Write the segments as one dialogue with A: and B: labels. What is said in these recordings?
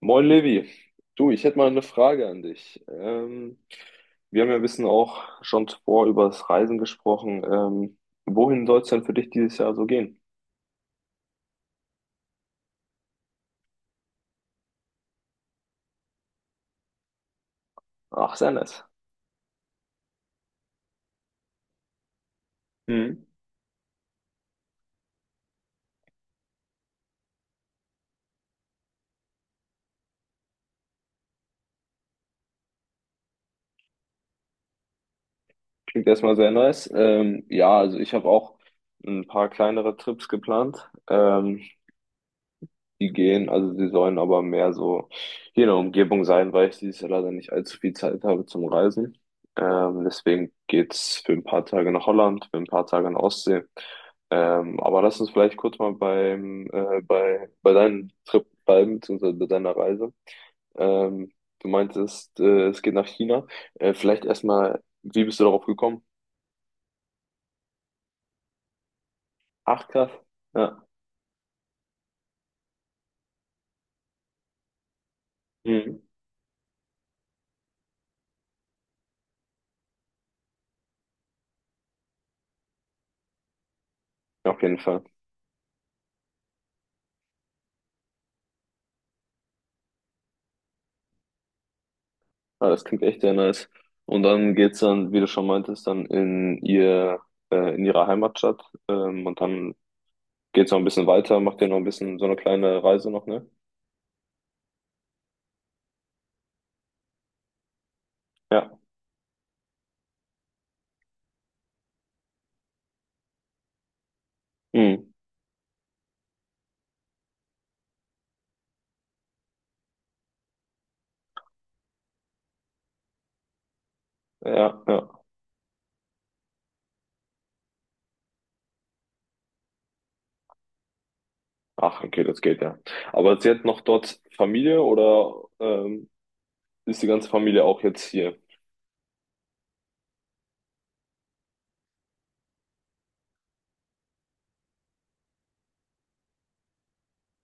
A: Moin Levi, du, ich hätte mal eine Frage an dich. Wir haben ja ein bisschen auch schon vor über das Reisen gesprochen. Wohin soll es denn für dich dieses Jahr so gehen? Ach, sehr nice. Mhm. Klingt erstmal sehr nice. Ja, also ich habe auch ein paar kleinere Trips geplant. Die gehen, also die sollen aber mehr so hier in der Umgebung sein, weil ich dieses Jahr leider nicht allzu viel Zeit habe zum Reisen. Deswegen geht's für ein paar Tage nach Holland, für ein paar Tage in die Ostsee. Aber lass uns vielleicht kurz mal bei deinem Trip bleiben, beziehungsweise bei deiner Reise. Ähm, Du meintest, es geht nach China. Vielleicht erstmal, wie bist du darauf gekommen? Ach, krass. Ja. Mhm. Auf jeden Fall. Ah, das klingt echt sehr nice. Und dann geht's dann, wie du schon meintest, dann in ihre Heimatstadt. Und dann geht's noch ein bisschen weiter, macht ihr noch ein bisschen so eine kleine Reise noch, ne? Ja. Hm. Ja, ja. Ach, okay, das geht ja. Aber sie hat noch dort Familie oder ähm, ist die ganze Familie auch jetzt hier?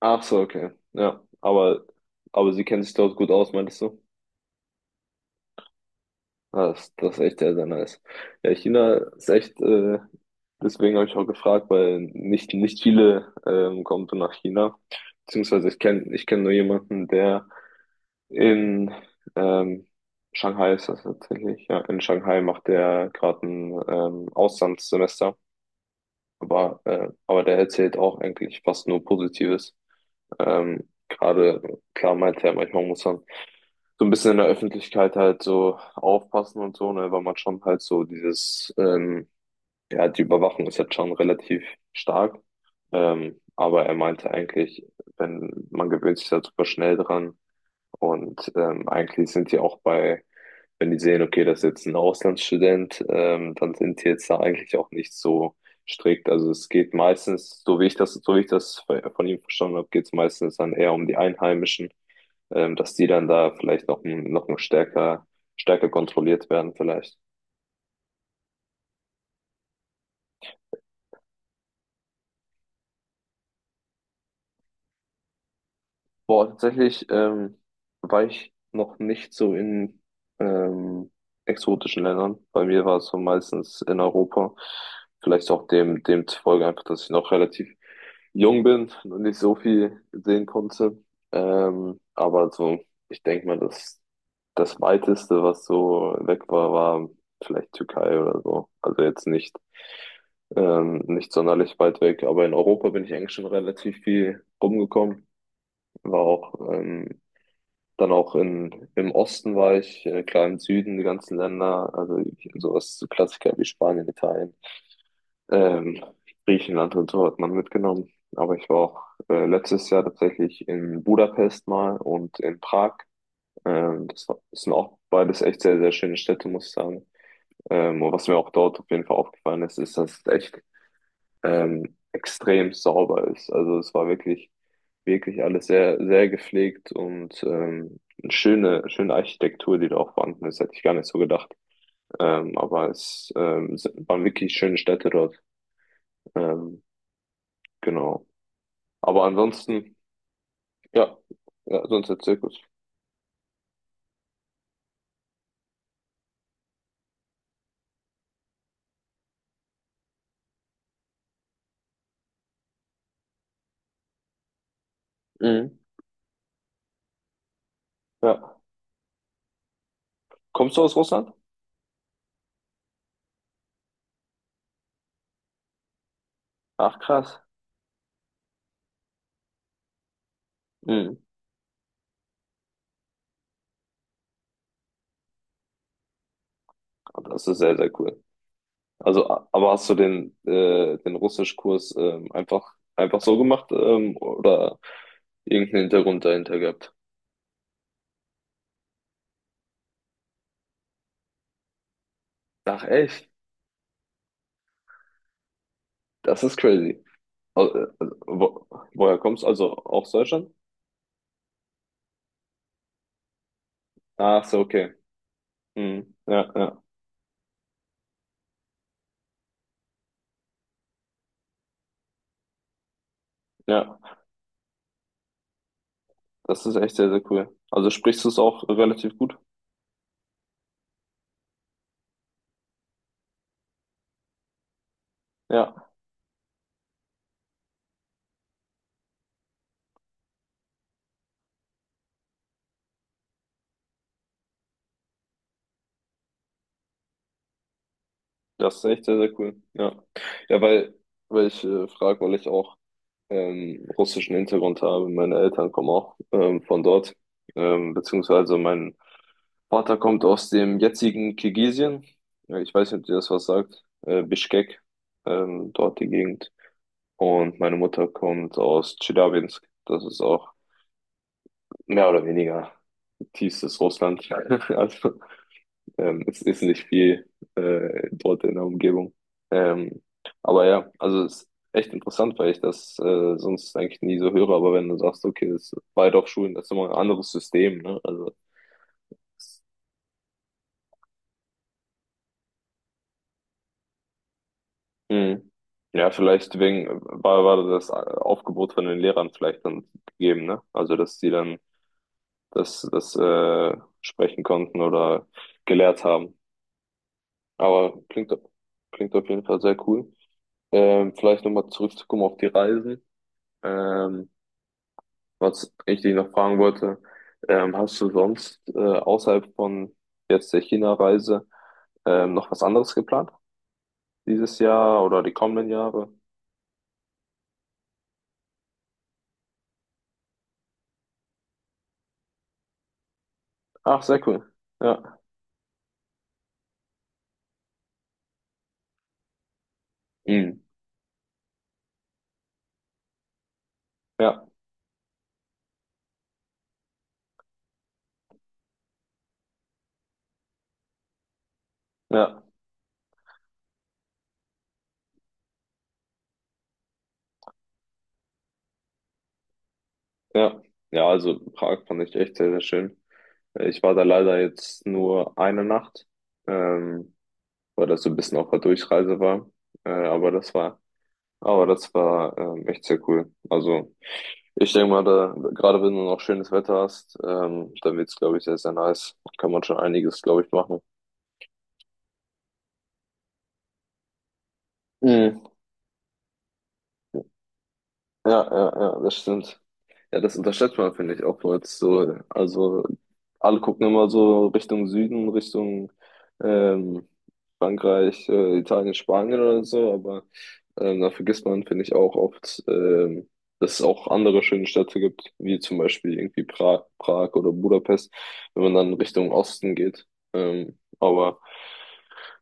A: Ach so, okay. Ja. Aber sie kennt sich dort gut aus, meintest du? Ah, das, das ist echt sehr, sehr nice. Ja, China ist echt, deswegen habe ich auch gefragt, weil nicht viele kommen so nach China. Beziehungsweise ich kenn nur jemanden, der in ähm, Shanghai ist das tatsächlich. Ja, in Shanghai macht der gerade ein Auslandssemester. Aber der erzählt auch eigentlich fast nur Positives. Ähm, gerade, klar meint er, manchmal muss man so ein bisschen in der Öffentlichkeit halt so aufpassen und so, ne, weil man schon halt so dieses, ja, die Überwachung ist jetzt schon relativ stark. Aber er meinte eigentlich, wenn man gewöhnt sich da super schnell dran, und eigentlich sind die auch bei, wenn die sehen, okay, das ist jetzt ein Auslandsstudent, dann sind die jetzt da eigentlich auch nicht so strikt. Also es geht meistens, so wie ich das von ihm verstanden habe, geht es meistens dann eher um die Einheimischen, dass die dann da vielleicht noch ein stärker kontrolliert werden, vielleicht. Boah, tatsächlich war ich noch nicht so in ähm, exotischen Ländern. Bei mir war es so meistens in Europa. Vielleicht auch dem zufolge einfach, dass ich noch relativ jung bin und nicht so viel sehen konnte. Ähm, aber so, Ich denke mal, das Weiteste, was so weg war, war vielleicht Türkei oder so. Also jetzt nicht, nicht sonderlich weit weg. Aber in Europa bin ich eigentlich schon relativ viel rumgekommen. War auch, ähm, Dann auch in, im Osten war ich, klar im Süden, die ganzen Länder, also sowas, so Klassiker wie Spanien, Italien, ähm, Griechenland und so hat man mitgenommen. Aber ich war auch letztes Jahr tatsächlich in Budapest mal und in Prag. Das sind auch beides echt sehr, sehr schöne Städte, muss ich sagen. Und was mir auch dort auf jeden Fall aufgefallen ist, ist, dass es echt extrem sauber ist. Also es war wirklich Wirklich alles sehr, sehr gepflegt und eine schöne, schöne Architektur, die da auch vorhanden ist, hätte ich gar nicht so gedacht. Es waren wirklich schöne Städte dort. Ähm, genau. Aber ansonsten, ja, ja, sonst der Zirkus. Mhm. Ja. Kommst du aus Russland? Ach, krass. Mhm. Ja, das ist sehr, sehr cool. Aber hast du den, den Russischkurs einfach so gemacht oder irgendeinen Hintergrund dahinter gehabt? Ach, echt? Das ist crazy. Au- äh, Wo, Woher kommst du? Also aus Deutschland? Ach so, okay. Hm. Ja, ja, ja. Das ist echt sehr, sehr cool. Also sprichst du es auch relativ gut? Ja, das ist echt sehr, sehr cool. Ja, ja, weil, Weil ich frage, weil ich auch russischen Hintergrund habe. Meine Eltern kommen auch von dort, beziehungsweise mein Vater kommt aus dem jetzigen Kirgisien. Ja, ich weiß nicht, ob dir das was sagt. Bischkek, dort die Gegend. Und meine Mutter kommt aus Tscheljabinsk. Das ist auch mehr oder weniger tiefstes Russland. Also es ist nicht viel dort in der Umgebung. Ähm, aber ja, also es ist echt interessant, weil ich das sonst eigentlich nie so höre. Aber wenn du sagst, okay, das Waldorfschulen, das ist immer ein anderes System, ne? Also mhm. Ja, vielleicht wegen, war das Aufgebot von den Lehrern vielleicht dann gegeben, ne? Also, dass die dann das sprechen konnten oder gelehrt haben. Aber klingt auf jeden Fall sehr cool. Vielleicht nochmal zurückzukommen auf die Reisen. Ähm, Was ich dich noch fragen wollte, hast du sonst außerhalb von jetzt der China-Reise noch was anderes geplant? Dieses Jahr oder die kommenden Jahre? Ach, sehr cool. Ja. Mhm. Ja, ja, ja. Ja, also Prag fand ich echt sehr, sehr schön. Ich war da leider jetzt nur eine Nacht, ähm, weil das so ein bisschen auf der Durchreise war. Äh, aber das war, aber das war echt sehr cool. Also ich denke mal, da, gerade wenn du noch schönes Wetter hast, dann wird's, glaube ich, sehr, sehr nice. Kann man schon einiges, glaube ich, machen. Mhm. Ja, ja, ja, das stimmt. Ja, das unterschätzt man, finde ich, auch jetzt so. Also, alle gucken immer so Richtung Süden, Richtung ähm, Frankreich, Italien, Spanien oder so, aber da vergisst man, finde ich, auch oft, dass es auch andere schöne Städte gibt, wie zum Beispiel irgendwie Prag oder Budapest, wenn man dann Richtung Osten geht. Aber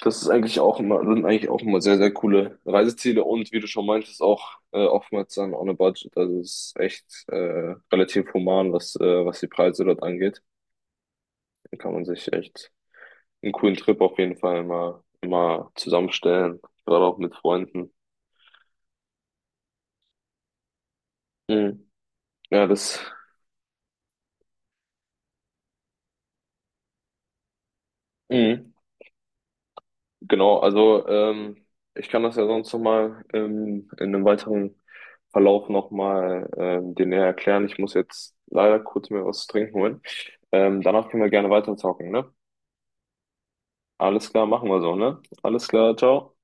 A: das ist eigentlich auch immer, sind eigentlich auch immer sehr, sehr coole Reiseziele, und wie du schon meintest, auch oftmals dann on a budget. Also es ist echt relativ human, was die Preise dort angeht. Dann kann man sich echt einen coolen Trip auf jeden Fall mal zusammenstellen, gerade auch mit Freunden. Mhm. Ja, das. Mhm. Genau, also ich kann das ja sonst nochmal in einem weiteren Verlauf nochmal dir näher erklären. Ich muss jetzt leider kurz mir was zu trinken holen. Danach können wir gerne weiterzocken, ne? Alles klar, machen wir so, ne? Alles klar, ciao.